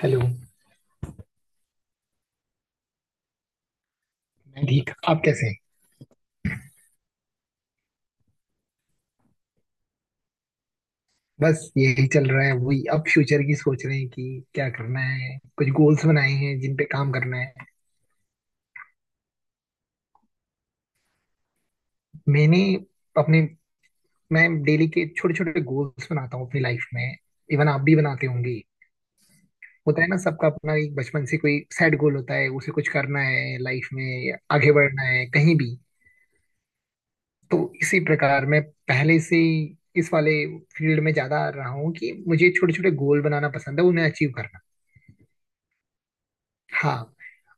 Hello. मैं ठीक। आप कैसे हैं? बस यही चल रहा है, वही अब फ्यूचर की सोच रहे हैं कि क्या करना है। कुछ गोल्स बनाए हैं जिन पे काम करना है। मैंने अपने मैं डेली के छोटे छोटे गोल्स बनाता हूँ अपनी लाइफ में। इवन आप भी बनाते होंगे। होता है ना, सबका अपना एक बचपन से कोई सेट गोल होता है, उसे कुछ करना है, लाइफ में आगे बढ़ना है कहीं भी। तो इसी प्रकार मैं पहले से ही इस वाले फील्ड में ज्यादा रहा हूँ कि मुझे छोटे छोटे गोल बनाना पसंद है, उन्हें अचीव करना। हाँ।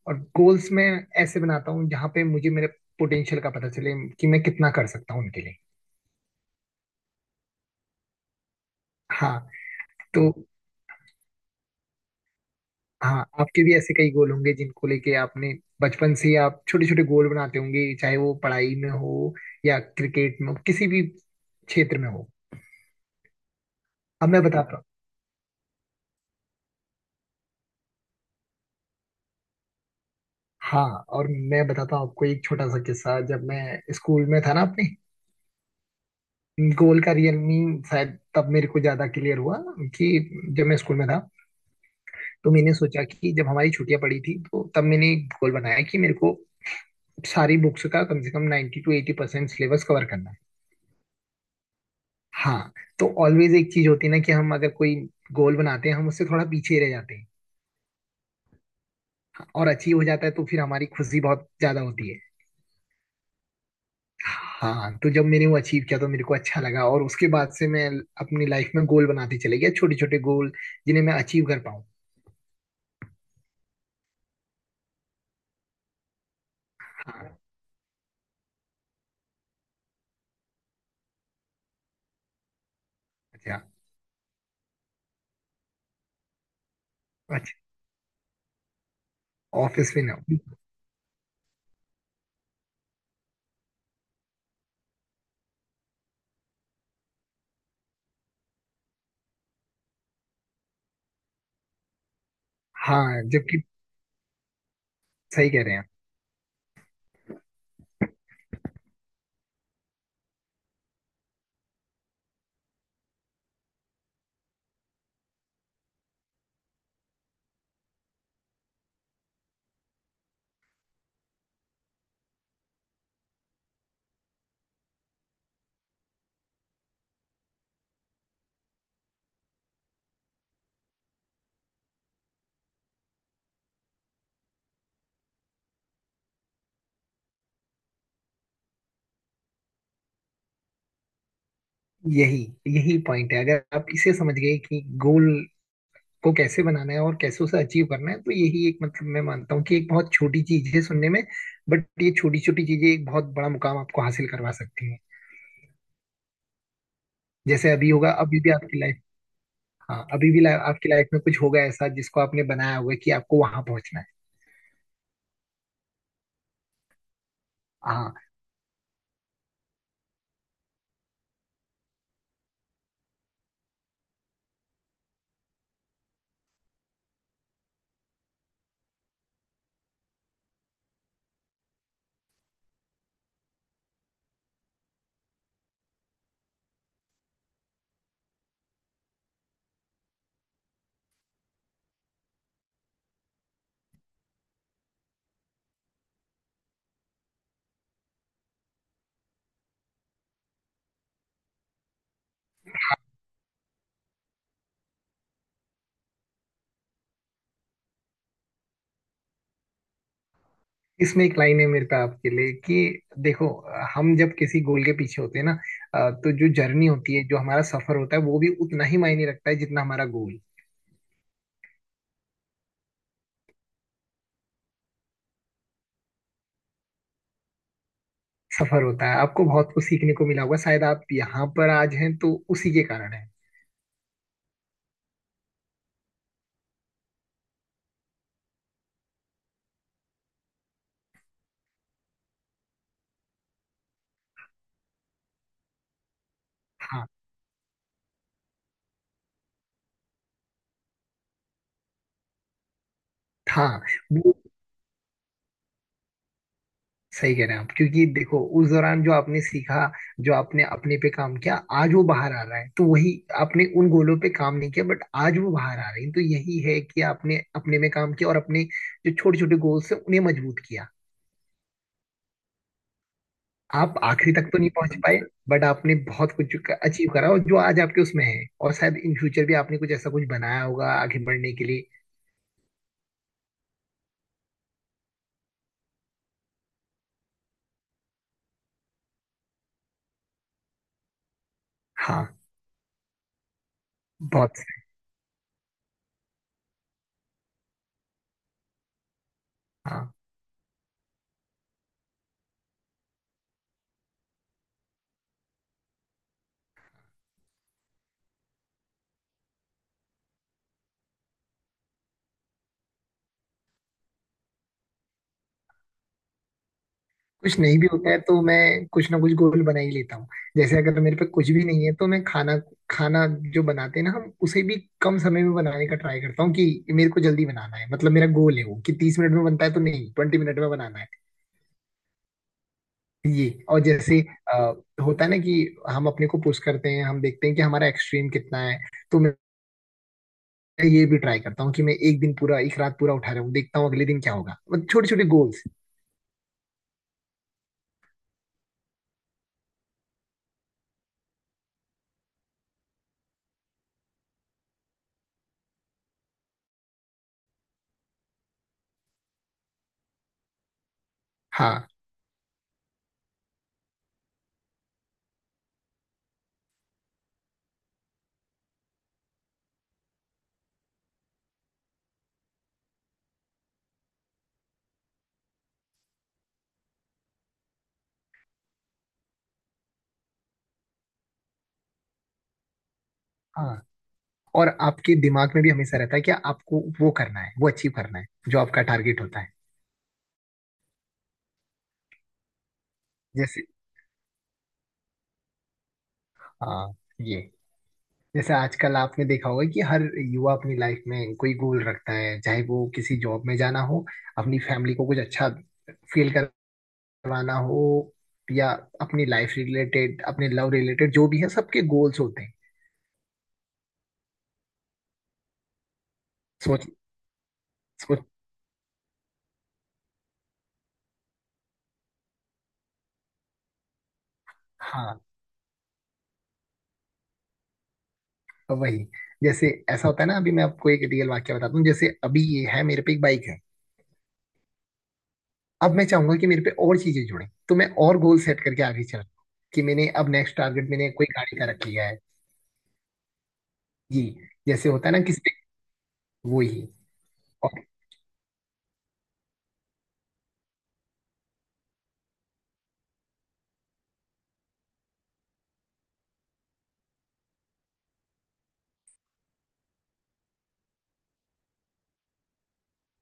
और गोल्स मैं ऐसे बनाता हूँ जहाँ पे मुझे मेरे पोटेंशियल का पता चले कि मैं कितना कर सकता हूँ उनके लिए। हाँ। तो हाँ, आपके भी ऐसे कई गोल होंगे जिनको लेके आपने बचपन से ही आप छोटे छोटे गोल बनाते होंगे, चाहे वो पढ़ाई में हो या क्रिकेट में हो, किसी भी क्षेत्र में हो। अब मैं बताता हूँ हाँ, और मैं बताता हूँ आपको एक छोटा सा किस्सा। जब मैं स्कूल में था ना, अपने गोल का रियल मीन शायद तब मेरे को ज्यादा क्लियर हुआ। कि जब मैं स्कूल में था, तो मैंने सोचा कि जब हमारी छुट्टियां पड़ी थी, तो तब मैंने एक गोल बनाया कि मेरे को सारी बुक्स का कम से कम 90 टू 80% सिलेबस कवर करना है। हाँ। तो ऑलवेज एक चीज होती है ना कि हम अगर कोई गोल बनाते हैं, हम उससे थोड़ा पीछे ही रह जाते हैं, और अचीव हो जाता है तो फिर हमारी खुशी बहुत ज्यादा होती है। हाँ। तो जब मैंने वो अचीव किया तो मेरे को अच्छा लगा, और उसके बाद से मैं अपनी लाइफ में गोल बनाते चले गया, छोटे छोटे गोल जिन्हें मैं अचीव कर पाऊँ। हाँ। अच्छा। अच्छा, ऑफिस में ना। हाँ, जबकि सही कह रहे हैं। यही यही पॉइंट है, अगर आप इसे समझ गए कि गोल को कैसे बनाना है और कैसे उसे अचीव करना है, तो यही एक, मतलब, मैं मानता हूँ कि एक बहुत छोटी चीज है सुनने में, बट ये छोटी छोटी चीजें एक बहुत बड़ा मुकाम आपको हासिल करवा सकती है। जैसे अभी होगा, अभी भी आपकी लाइफ, हाँ अभी भी लाइफ आपकी लाइफ में कुछ होगा ऐसा जिसको आपने बनाया होगा कि आपको वहां पहुंचना है। हाँ। इसमें एक लाइन है मेरे पे आपके लिए, कि देखो, हम जब किसी गोल के पीछे होते हैं ना, तो जो जर्नी होती है, जो हमारा सफर होता है, वो भी उतना ही मायने रखता है जितना हमारा गोल। सफर होता है, आपको बहुत कुछ सीखने को मिला होगा, शायद आप यहाँ पर आज हैं तो उसी के कारण है। हाँ, हाँ। वो सही कह रहे हैं आप, क्योंकि देखो उस दौरान जो आपने सीखा, जो आपने अपने पे काम किया, आज वो बाहर आ रहा है, तो वही। आपने उन गोलों पे काम नहीं किया बट आज वो बाहर आ रहे हैं, तो यही है कि आपने अपने में काम किया, और अपने जो छोटे छोटे गोल्स हैं उन्हें मजबूत किया। आप आखिरी तक तो नहीं पहुंच पाए, बट आपने बहुत कुछ अचीव करा, और जो आज आपके उसमें है, और शायद इन फ्यूचर भी आपने कुछ ऐसा कुछ बनाया होगा आगे बढ़ने के लिए। हाँ। बहुत से, हाँ। कुछ नहीं भी होता है तो मैं कुछ ना कुछ गोल बना ही लेता हूँ। जैसे अगर मेरे पे कुछ भी नहीं है, तो मैं खाना खाना जो बनाते हैं ना हम, उसे भी कम समय में बनाने का ट्राई करता हूँ, कि मेरे को जल्दी बनाना है। मतलब मेरा गोल है वो कि 30 मिनट में बनता है तो नहीं, 20 मिनट में बनाना है। ये, और जैसे अ, होता है ना कि हम अपने को पुश करते हैं, हम देखते हैं कि हमारा एक्सट्रीम कितना है। तो मैं ये भी ट्राई करता हूँ कि मैं एक दिन पूरा, एक रात पूरा उठा रहा हूँ, देखता हूँ अगले दिन क्या होगा। मतलब छोटे छोटे गोल्स। हाँ, हाँ। और आपके दिमाग में भी हमेशा रहता है कि आपको वो करना है, वो अचीव करना है, जो आपका टारगेट होता है। जैसे, हाँ, ये, जैसे आजकल आपने देखा होगा कि हर युवा अपनी लाइफ में कोई गोल रखता है, चाहे वो किसी जॉब में जाना हो, अपनी फैमिली को कुछ अच्छा फील करवाना हो, या अपनी लाइफ रिलेटेड, अपने लव रिलेटेड, जो भी है, सबके गोल्स होते हैं। सोच सोच हाँ, तो वही, जैसे ऐसा होता है ना, अभी मैं आपको एक रियल वाक्य बताता हूँ। जैसे अभी ये है, मेरे पे एक बाइक है। अब मैं चाहूंगा कि मेरे पे और चीजें जुड़े, तो मैं और गोल सेट करके आगे चल रहा हूं कि मैंने अब नेक्स्ट टारगेट, मैंने कोई गाड़ी का रख लिया है। ये जैसे होता है ना, किसी पे, वो ही। और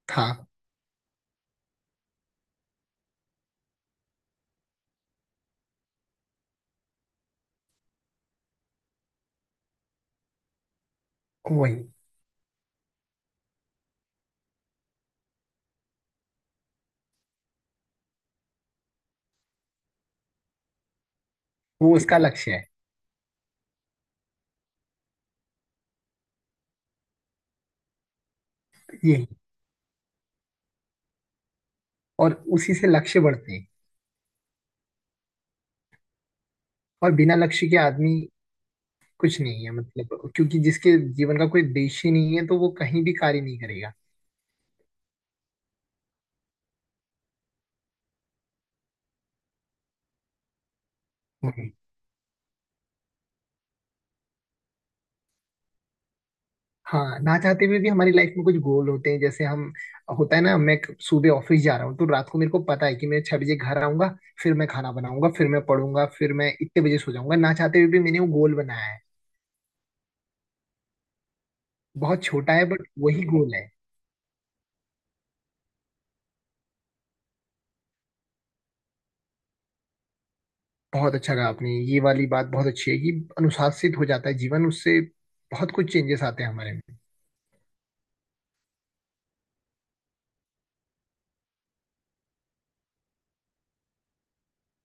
था वही, वो उसका लक्ष्य है, यही। और उसी से लक्ष्य बढ़ते हैं। और बिना लक्ष्य के आदमी कुछ नहीं है, मतलब, क्योंकि जिसके जीवन का कोई उद्देश्य नहीं है, तो वो कहीं भी कार्य नहीं करेगा। हाँ, ना चाहते हुए भी हमारी लाइफ में कुछ गोल होते हैं। जैसे हम, होता है ना, मैं सुबह ऑफिस जा रहा हूँ तो रात को मेरे को पता है कि मैं 6 बजे घर आऊंगा, फिर मैं खाना बनाऊंगा, फिर मैं पढ़ूंगा, फिर मैं इतने बजे सो जाऊंगा। ना चाहते हुए भी मैंने वो गोल बनाया है। बहुत छोटा है, बट वही गोल है। बहुत अच्छा कहा आपने, ये वाली बात बहुत अच्छी है, कि अनुशासित हो जाता है जीवन उससे, बहुत कुछ चेंजेस आते हैं हमारे में।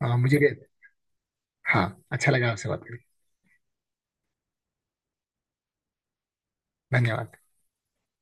हाँ, मुझे भी। हाँ, अच्छा लगा आपसे बात करके। धन्यवाद।